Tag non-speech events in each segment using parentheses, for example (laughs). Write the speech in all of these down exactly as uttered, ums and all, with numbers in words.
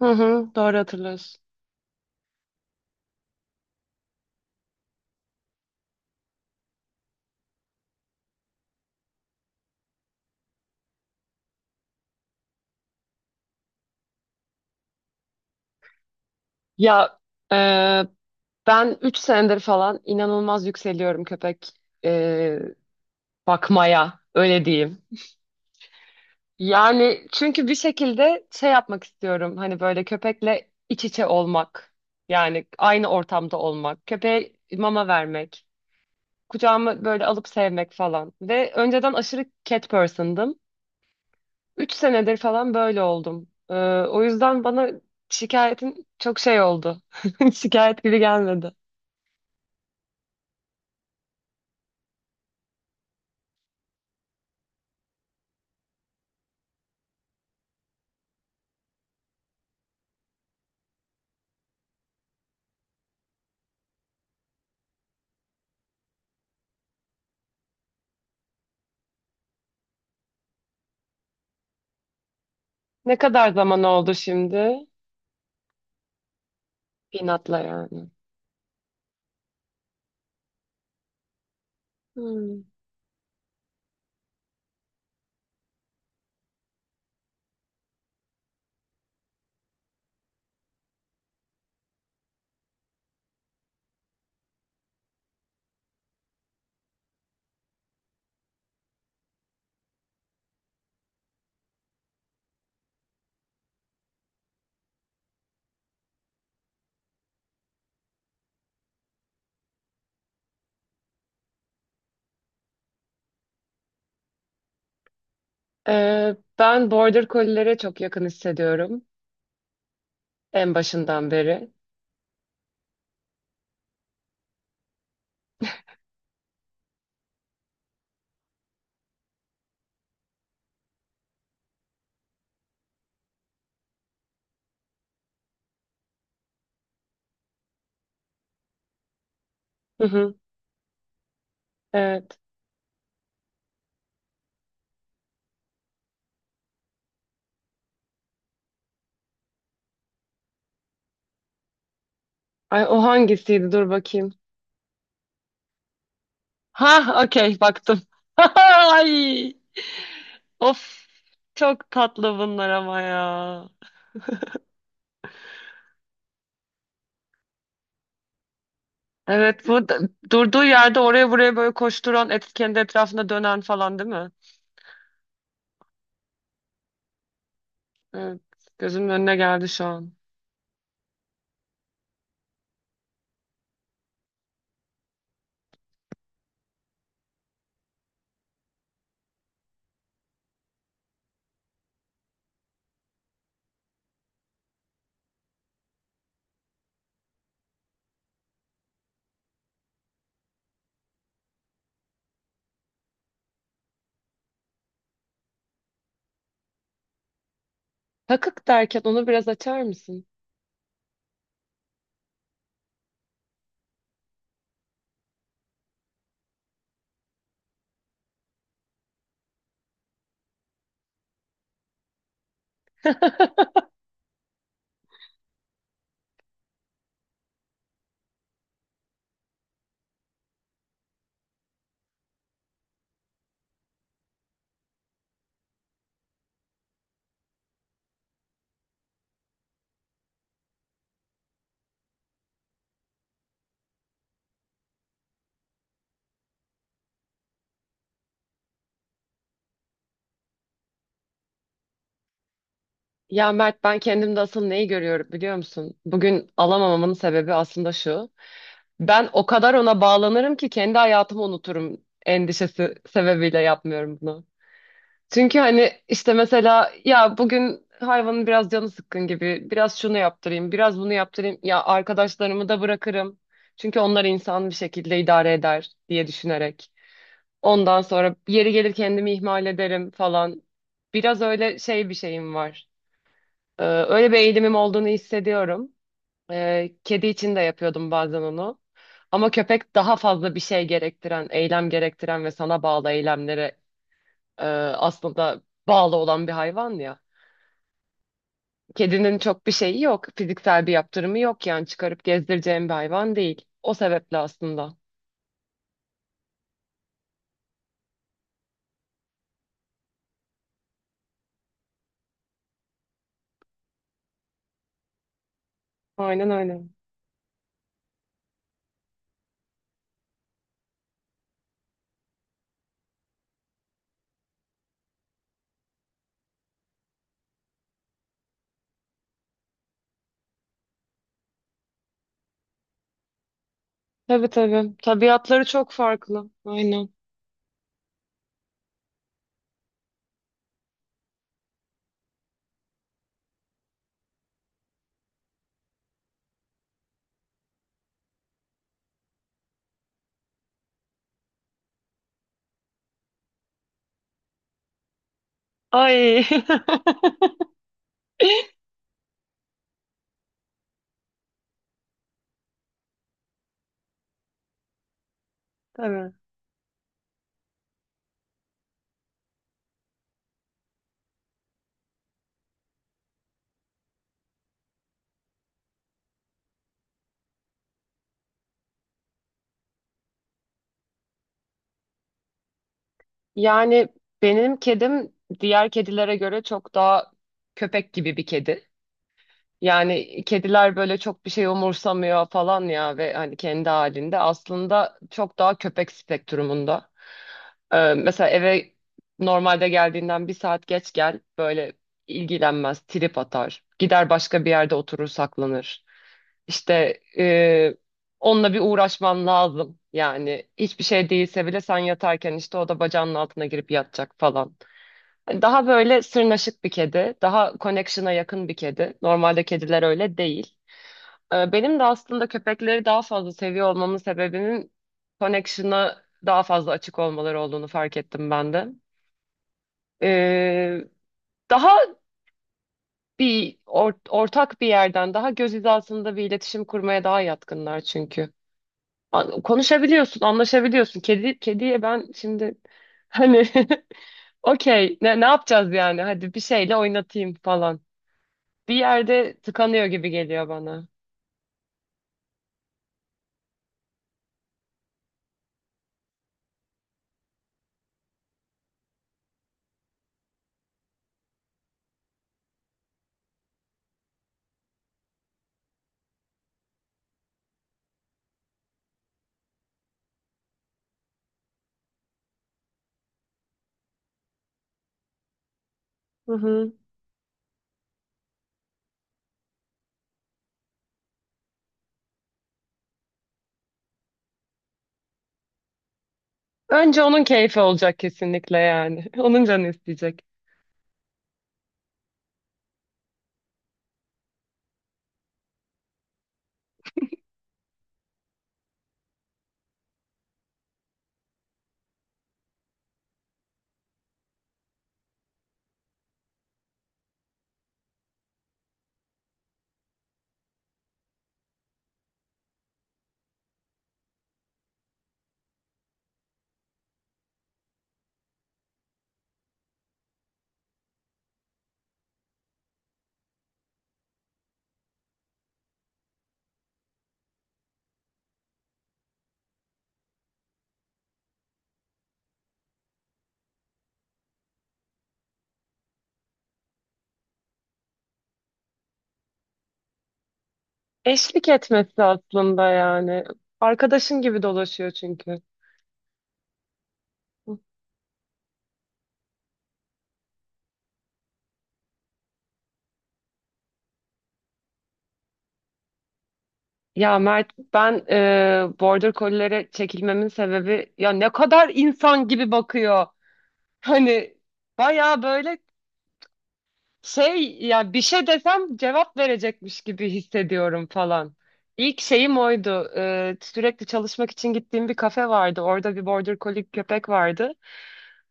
Hı hı, doğru hatırlıyorsun. Ya e, ben üç senedir falan inanılmaz yükseliyorum köpek e, bakmaya öyle diyeyim. Yani çünkü bir şekilde şey yapmak istiyorum hani böyle köpekle iç içe olmak. Yani aynı ortamda olmak, köpeğe mama vermek, kucağıma böyle alıp sevmek falan. Ve önceden aşırı cat person'dım. Üç senedir falan böyle oldum. Ee, o yüzden bana şikayetin çok şey oldu. (laughs) Şikayet gibi gelmedi. Ne kadar zaman oldu şimdi? Pinatla yani. Hmm. Ee, ben Border Collie'lere çok yakın hissediyorum. En başından beri. Hı hı, evet. Ay, o hangisiydi? Dur bakayım. Ha, okey baktım. (laughs) Ay, of. Çok tatlı bunlar ama ya. Evet, bu da- durduğu yerde oraya buraya böyle koşturan, et, kendi etrafında dönen falan değil mi? Evet. Gözümün önüne geldi şu an. Takık derken onu biraz açar mısın? (laughs) Ya Mert, ben kendimde asıl neyi görüyorum biliyor musun? Bugün alamamamın sebebi aslında şu. Ben o kadar ona bağlanırım ki kendi hayatımı unuturum endişesi sebebiyle yapmıyorum bunu. Çünkü hani işte mesela ya bugün hayvanın biraz canı sıkkın gibi biraz şunu yaptırayım biraz bunu yaptırayım ya arkadaşlarımı da bırakırım. Çünkü onlar insan bir şekilde idare eder diye düşünerek. Ondan sonra yeri gelir kendimi ihmal ederim falan. Biraz öyle şey bir şeyim var. Ee, öyle bir eğilimim olduğunu hissediyorum. Ee, kedi için de yapıyordum bazen onu. Ama köpek daha fazla bir şey gerektiren, eylem gerektiren ve sana bağlı eylemlere e, aslında bağlı olan bir hayvan ya. Kedinin çok bir şeyi yok. Fiziksel bir yaptırımı yok yani çıkarıp gezdireceğim bir hayvan değil. O sebeple aslında. Aynen öyle. Tabii tabii. Tabiatları çok farklı. Aynen. Ay. (laughs) Tabii. Yani benim kedim diğer kedilere göre çok daha köpek gibi bir kedi. Yani kediler böyle çok bir şey umursamıyor falan ya ve hani kendi halinde aslında çok daha köpek spektrumunda. Ee, mesela eve normalde geldiğinden bir saat geç gel böyle ilgilenmez, trip atar. Gider başka bir yerde oturur saklanır. İşte e, onunla bir uğraşman lazım. Yani hiçbir şey değilse bile sen yatarken işte o da bacağının altına girip yatacak falan. Daha böyle sırnaşık bir kedi, daha connection'a yakın bir kedi. Normalde kediler öyle değil. Ee, Benim de aslında köpekleri daha fazla seviyor olmamın sebebinin connection'a daha fazla açık olmaları olduğunu fark ettim ben de. Ee, daha bir or- ortak bir yerden, daha göz hizasında bir iletişim kurmaya daha yatkınlar çünkü. An- Konuşabiliyorsun, anlaşabiliyorsun. Kedi kediye ben şimdi hani (laughs) okey ne ne yapacağız yani? Hadi bir şeyle oynatayım falan. Bir yerde tıkanıyor gibi geliyor bana. Hı hı. Önce onun keyfi olacak kesinlikle yani. (laughs) Onun canı isteyecek. Eşlik etmesi aslında yani. Arkadaşın gibi dolaşıyor çünkü. Ya Mert, ben e, Border Collie'lere çekilmemin sebebi ya ne kadar insan gibi bakıyor. Hani baya böyle Şey ya bir şey desem cevap verecekmiş gibi hissediyorum falan. İlk şeyim oydu. Ee, sürekli çalışmak için gittiğim bir kafe vardı. Orada bir Border Collie köpek vardı.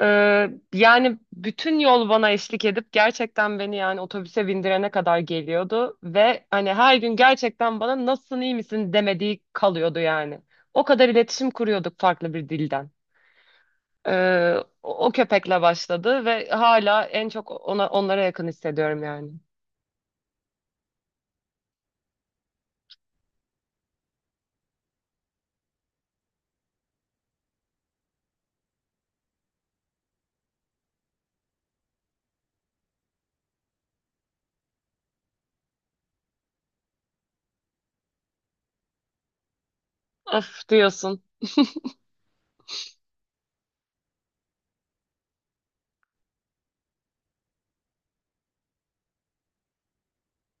Ee, yani bütün yol bana eşlik edip gerçekten beni yani otobüse bindirene kadar geliyordu. Ve hani her gün gerçekten bana nasılsın iyi misin demediği kalıyordu yani. O kadar iletişim kuruyorduk farklı bir dilden. Ee, o, o köpekle başladı ve hala en çok ona, onlara yakın hissediyorum yani. Of diyorsun.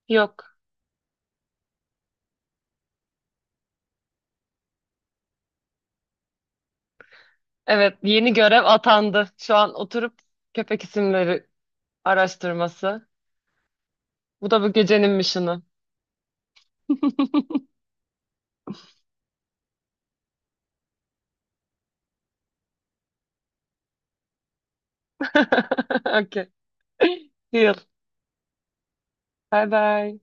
Yok. Evet, yeni görev atandı. Şu an oturup köpek isimleri araştırması. Bu da bu gecenin mission'ı. (laughs) Okay. Deal. Bye bye.